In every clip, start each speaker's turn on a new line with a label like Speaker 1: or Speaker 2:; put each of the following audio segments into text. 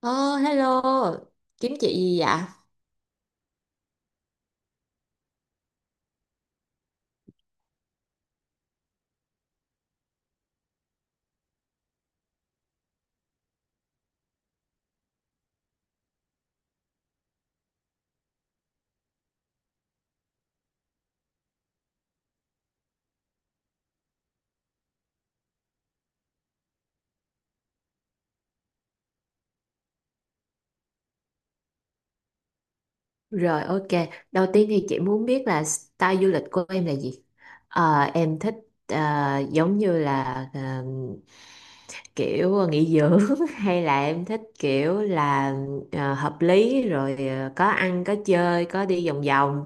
Speaker 1: Ờ, Hello, kiếm chị gì vậy? Rồi, ok, đầu tiên thì chị muốn biết là style du lịch của em là gì? Em thích ờ, giống như là ờ, kiểu nghỉ dưỡng hay là em thích kiểu là hợp lý rồi, có ăn có chơi có đi vòng vòng.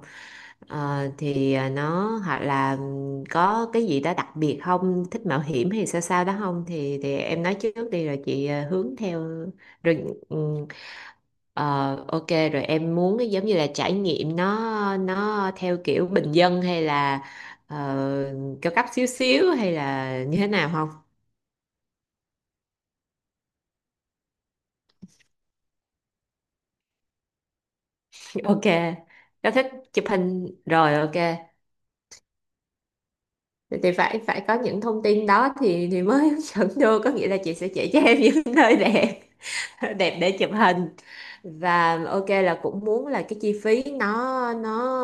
Speaker 1: Nó hoặc là có cái gì đó đặc biệt, không thích mạo hiểm hay sao sao đó không thì em nói trước đi rồi chị hướng theo. Rồi, ừ, ờ, ok, rồi em muốn cái giống như là trải nghiệm, nó theo kiểu bình dân hay là ờ, cao cấp xíu xíu hay là như thế nào không? Ok, nó thích chụp hình rồi, ok. Thì phải phải có những thông tin đó thì mới hướng dẫn được, có nghĩa là chị sẽ chỉ cho em những nơi đẹp đẹp để chụp hình. Và ok, là cũng muốn là cái chi phí nó nó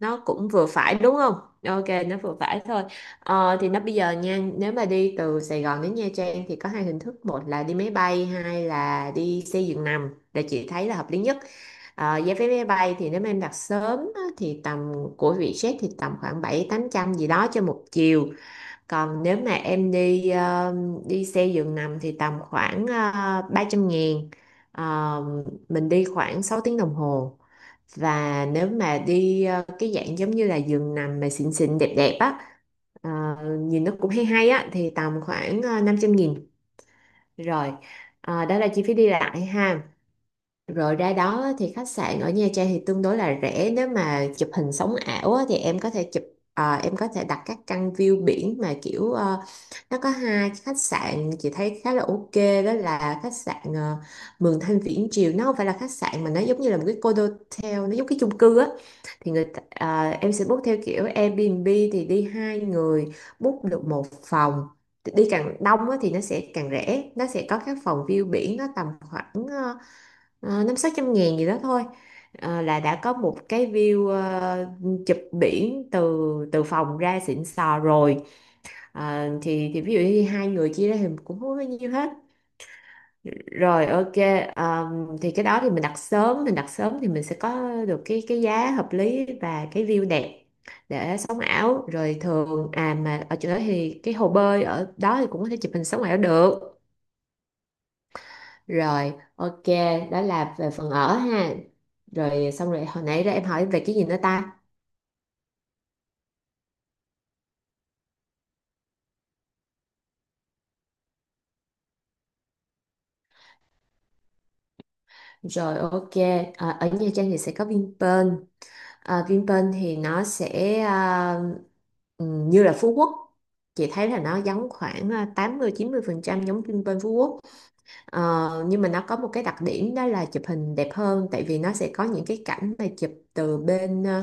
Speaker 1: nó cũng vừa phải đúng không? Ok, nó vừa phải thôi. Thì nó bây giờ nha, nếu mà đi từ Sài Gòn đến Nha Trang thì có hai hình thức, một là đi máy bay, hai là đi xe giường nằm, để chị thấy là hợp lý nhất. Ờ, giá vé máy bay thì nếu mà em đặt sớm á, thì tầm của Vietjet thì tầm khoảng bảy tám trăm gì đó cho một chiều. Còn nếu mà em đi đi xe giường nằm thì tầm khoảng 300 ngàn. Ờ, mình đi khoảng 6 tiếng đồng hồ. Và nếu mà đi cái dạng giống như là giường nằm mà xịn xịn đẹp đẹp á, ờ, nhìn nó cũng hay hay á, thì tầm khoảng 500 nghìn. Rồi, đó là chi phí đi lại ha. Rồi ra đó thì khách sạn ở Nha Trang thì tương đối là rẻ, nếu mà chụp hình sống ảo á, thì em có thể em có thể đặt các căn view biển mà kiểu, ờ, nó có hai khách sạn chị thấy khá là ok, đó là khách sạn Mường Thanh Viễn Triều, nó không phải là khách sạn mà nó giống như là một cái condotel, nó giống cái chung cư á, à, em sẽ book theo kiểu Airbnb thì đi hai người book được một phòng, đi càng đông á, thì nó sẽ càng rẻ, nó sẽ có các phòng view biển nó tầm khoảng 500-600 ngàn gì đó thôi. Ờ, là đã có một cái view, chụp biển từ từ phòng ra xịn sò rồi. Ờ, thì ví dụ như hai người chia ra thì cũng không có bao nhiêu hết, rồi ok. Thì cái đó thì mình đặt sớm thì mình sẽ có được cái giá hợp lý và cái view đẹp để sống ảo rồi. Thường à, mà ở chỗ đó thì cái hồ bơi ở đó thì cũng có thể chụp hình sống ảo được. Rồi, ok, đó là về phần ở ha. Rồi xong rồi, hồi nãy ra em hỏi về cái gì nữa ta? Rồi, ok, ở Nha Trang thì sẽ có Vinpearl. Ờ, Vinpearl thì nó sẽ như là Phú Quốc. Chị thấy là nó giống khoảng 80-90% giống Vinpearl Phú Quốc. Ờ, nhưng mà nó có một cái đặc điểm đó là chụp hình đẹp hơn, tại vì nó sẽ có những cái cảnh mà chụp từ bên ờ,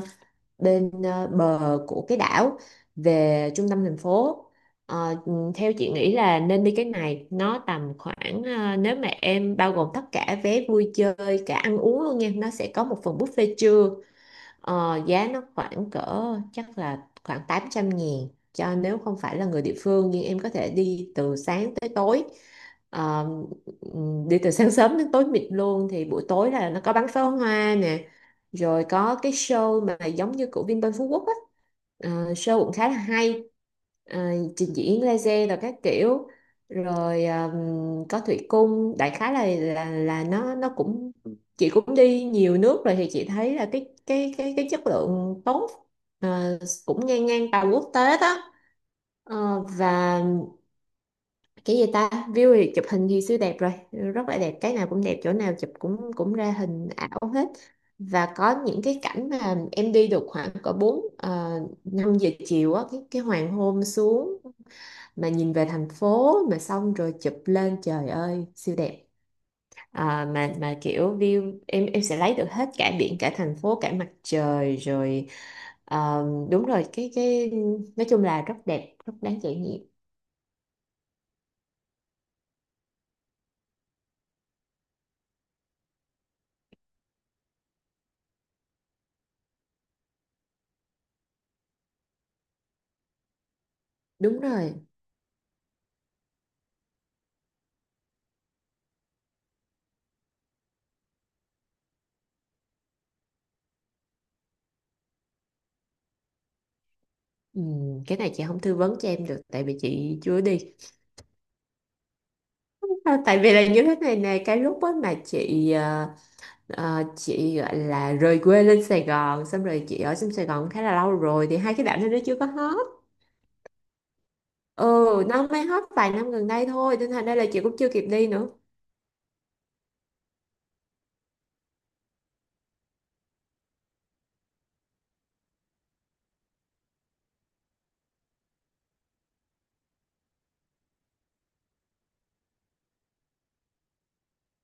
Speaker 1: bên ờ, bờ của cái đảo về trung tâm thành phố. Ờ, ừ, theo chị nghĩ là nên đi cái này, nó tầm khoảng, nếu mà em bao gồm tất cả vé vui chơi cả ăn uống luôn nha, nó sẽ có một phần buffet trưa. Ờ, giá nó khoảng cỡ, chắc là khoảng 800 nghìn, cho nếu không phải là người địa phương, nhưng em có thể đi từ sáng tới tối. Ờ, đi từ sáng sớm đến tối mịt luôn, thì buổi tối là nó có bắn pháo hoa nè, rồi có cái show mà giống như của Vinpearl Phú Quốc á. Ờ, show cũng khá là hay, ờ, trình diễn laser rồi các kiểu, rồi có thủy cung, đại khái là là nó cũng, chị cũng đi nhiều nước rồi thì chị thấy là cái chất lượng tốt, ờ, cũng ngang ngang tầm quốc tế đó. Ờ, và cái gì ta, view thì chụp hình thì siêu đẹp rồi, rất là đẹp, cái nào cũng đẹp, chỗ nào chụp cũng cũng ra hình ảo hết. Và có những cái cảnh mà em đi được khoảng cỡ 4 5 giờ chiều á, cái hoàng hôn xuống mà nhìn về thành phố, mà xong rồi chụp lên, trời ơi siêu đẹp. À, mà kiểu view em sẽ lấy được hết cả biển cả thành phố cả mặt trời rồi, ờ, đúng rồi. Cái Nói chung là rất đẹp, rất đáng trải nghiệm. Đúng rồi, ừ, cái này chị không tư vấn cho em được, tại vì chị chưa đi. À, tại vì là như thế này nè, cái lúc á mà chị chị gọi là rời quê lên Sài Gòn, xong rồi chị ở trong Sài Gòn khá là lâu rồi, thì hai cái đảo này nó chưa có hết. Ừ, nó mới hết vài năm gần đây thôi, nên thành ra là chị cũng chưa kịp đi nữa.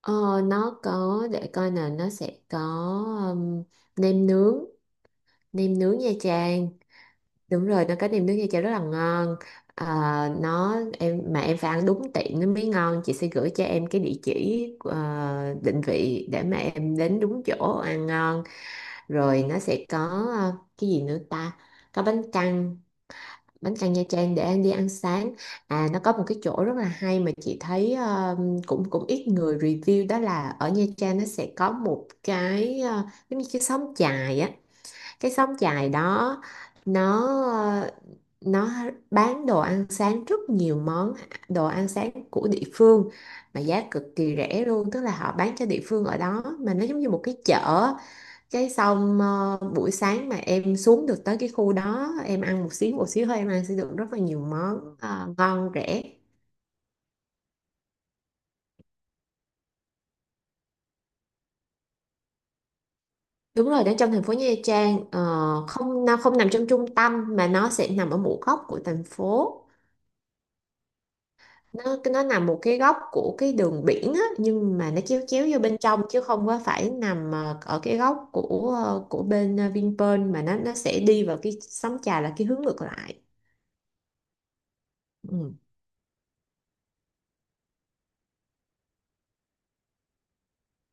Speaker 1: Ờ, nó có, để coi nè, nó sẽ có um, nem nướng, nem nướng Nha Trang, đúng rồi, nó có nem nướng Nha Trang rất là ngon. Ờ, em mà em phải ăn đúng tiệm nó mới ngon, chị sẽ gửi cho em cái địa chỉ, ờ, định vị để mà em đến đúng chỗ ăn ngon. Rồi nó sẽ có, cái gì nữa ta, có bánh căn, bánh căn Nha Trang để em đi ăn sáng. À, nó có một cái chỗ rất là hay mà chị thấy, ờ, cũng cũng ít người review, đó là ở Nha Trang nó sẽ có một cái, giống như cái xóm chài á. Cái xóm chài đó nó, ờ, nó bán đồ ăn sáng rất nhiều món, đồ ăn sáng của địa phương mà giá cực kỳ rẻ luôn, tức là họ bán cho địa phương ở đó mà nó giống như một cái chợ. Cái xong, buổi sáng mà em xuống được tới cái khu đó, em ăn một xíu thôi, em ăn sẽ được rất là nhiều món, ngon rẻ. Đúng rồi, đến trong thành phố Nha Trang, ờ, không, nó không nằm trong trung tâm mà nó sẽ nằm ở một góc của thành phố. Nó nằm một cái góc của cái đường biển á, nhưng mà nó chéo chéo vô bên trong chứ không có phải nằm ở cái góc của, của bên, Vinpearl, mà nó sẽ đi vào cái sóng trà là cái hướng ngược lại. Ừ.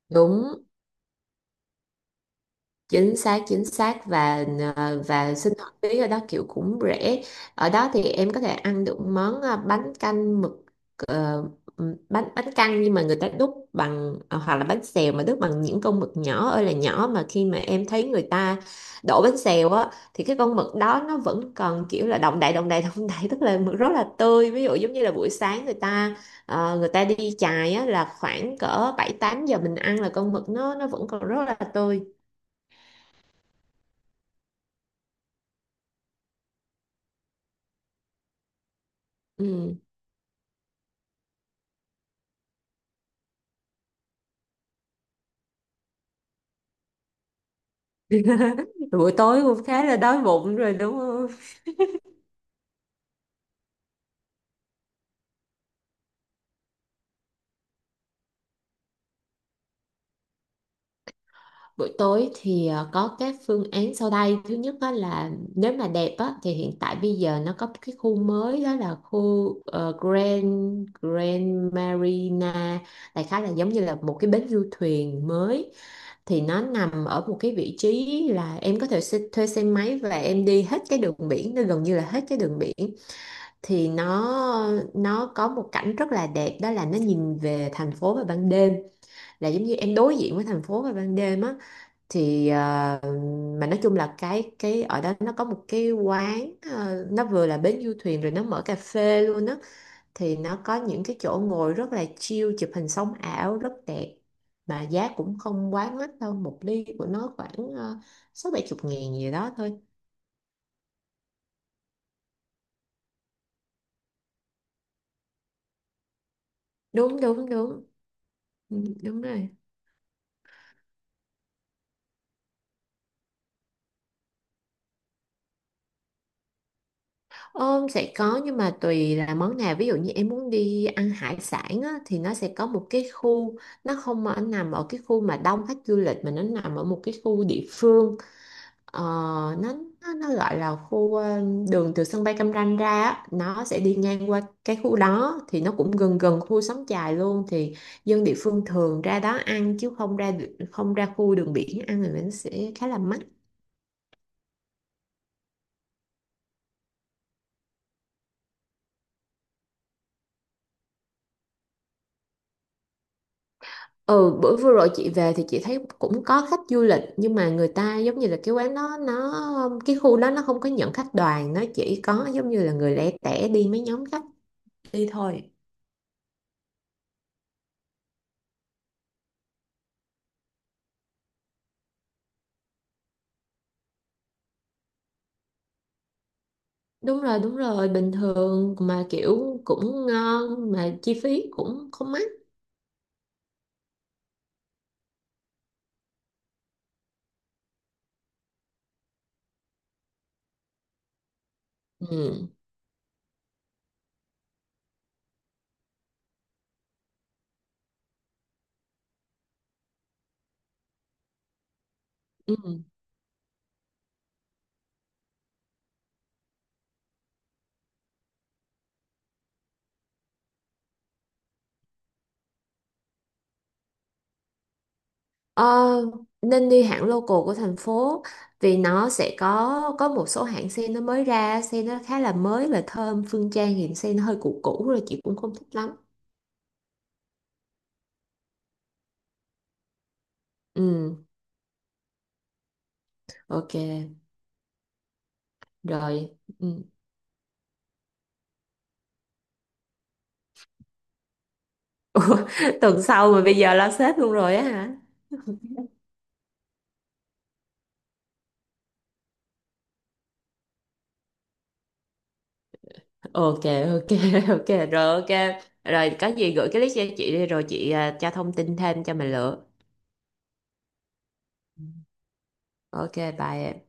Speaker 1: Đúng, chính xác, chính xác. Và ờ, và sinh hoạt phí ở đó kiểu cũng rẻ. Ở đó thì em có thể ăn được món, bánh canh mực, ờ, bánh bánh căn, nhưng mà người ta đúc bằng, hoặc là bánh xèo mà đúc bằng những con mực nhỏ ơi là nhỏ, mà khi mà em thấy người ta đổ bánh xèo á, thì cái con mực đó nó vẫn còn kiểu là động đậy động đậy, tức là mực rất là tươi. Ví dụ giống như là buổi sáng người ta, người ta đi chài á, là khoảng cỡ 7-8 giờ mình ăn là con mực nó vẫn còn rất là tươi. Ừ, buổi tối cũng khá là đói bụng rồi đúng không? Buổi tối thì, có các phương án sau đây. Thứ nhất á là nếu mà đẹp á, thì hiện tại bây giờ nó có cái khu mới đó là khu, ờ, Grand Grand Marina. Đại khái là giống như là một cái bến du thuyền mới. Thì nó nằm ở một cái vị trí là em có thể xe, thuê xe máy và em đi hết cái đường biển, nó gần như là hết cái đường biển. Thì nó có một cảnh rất là đẹp, đó là nó nhìn về thành phố vào ban đêm, là giống như em đối diện với thành phố vào ban đêm á, thì, ờ, mà nói chung là cái ở đó nó có một cái quán, nó vừa là bến du thuyền rồi nó mở cà phê luôn á, thì nó có những cái chỗ ngồi rất là chill, chụp hình sóng ảo rất đẹp, mà giá cũng không quá mắc đâu, một ly của nó khoảng, 60-70 ngàn gì đó thôi. Đúng đúng đúng. Ừ, đúng rồi. Ôm sẽ có, nhưng mà tùy là món nào, ví dụ như em muốn đi ăn hải sản á, thì nó sẽ có một cái khu, nó không ở nằm ở cái khu mà đông khách du lịch mà nó nằm ở một cái khu địa phương. Ờ, nó, nó gọi là khu, đường từ sân bay Cam Ranh ra á, nó sẽ đi ngang qua cái khu đó, thì nó cũng gần gần khu Xóm Chài luôn, thì dân địa phương thường ra đó ăn chứ không ra, không ra khu đường biển ăn thì nó sẽ khá là mắc. Ừ, bữa vừa rồi chị về thì chị thấy cũng có khách du lịch, nhưng mà người ta giống như là cái quán đó nó, khu đó nó không có nhận khách đoàn, nó chỉ có giống như là người lẻ tẻ đi mấy nhóm khách đi thôi. Đúng rồi, bình thường mà kiểu cũng ngon mà chi phí cũng không mắc. Ừ. Ừ. Ờ, nên đi hãng local của thành phố, vì nó sẽ có một số hãng sen nó mới ra, sen nó khá là mới và thơm, Phương Trang thì sen nó hơi cũ cũ rồi, chị cũng không thích lắm. Ừ. Ok rồi, ừ. Ủa, tuần sau mà bây giờ lo sếp luôn rồi á hả? Ok, ok, ok rồi, ok rồi, có gì gửi cái list cho chị đi, rồi chị, à, cho thông tin thêm cho mình lựa. Ok, bye em.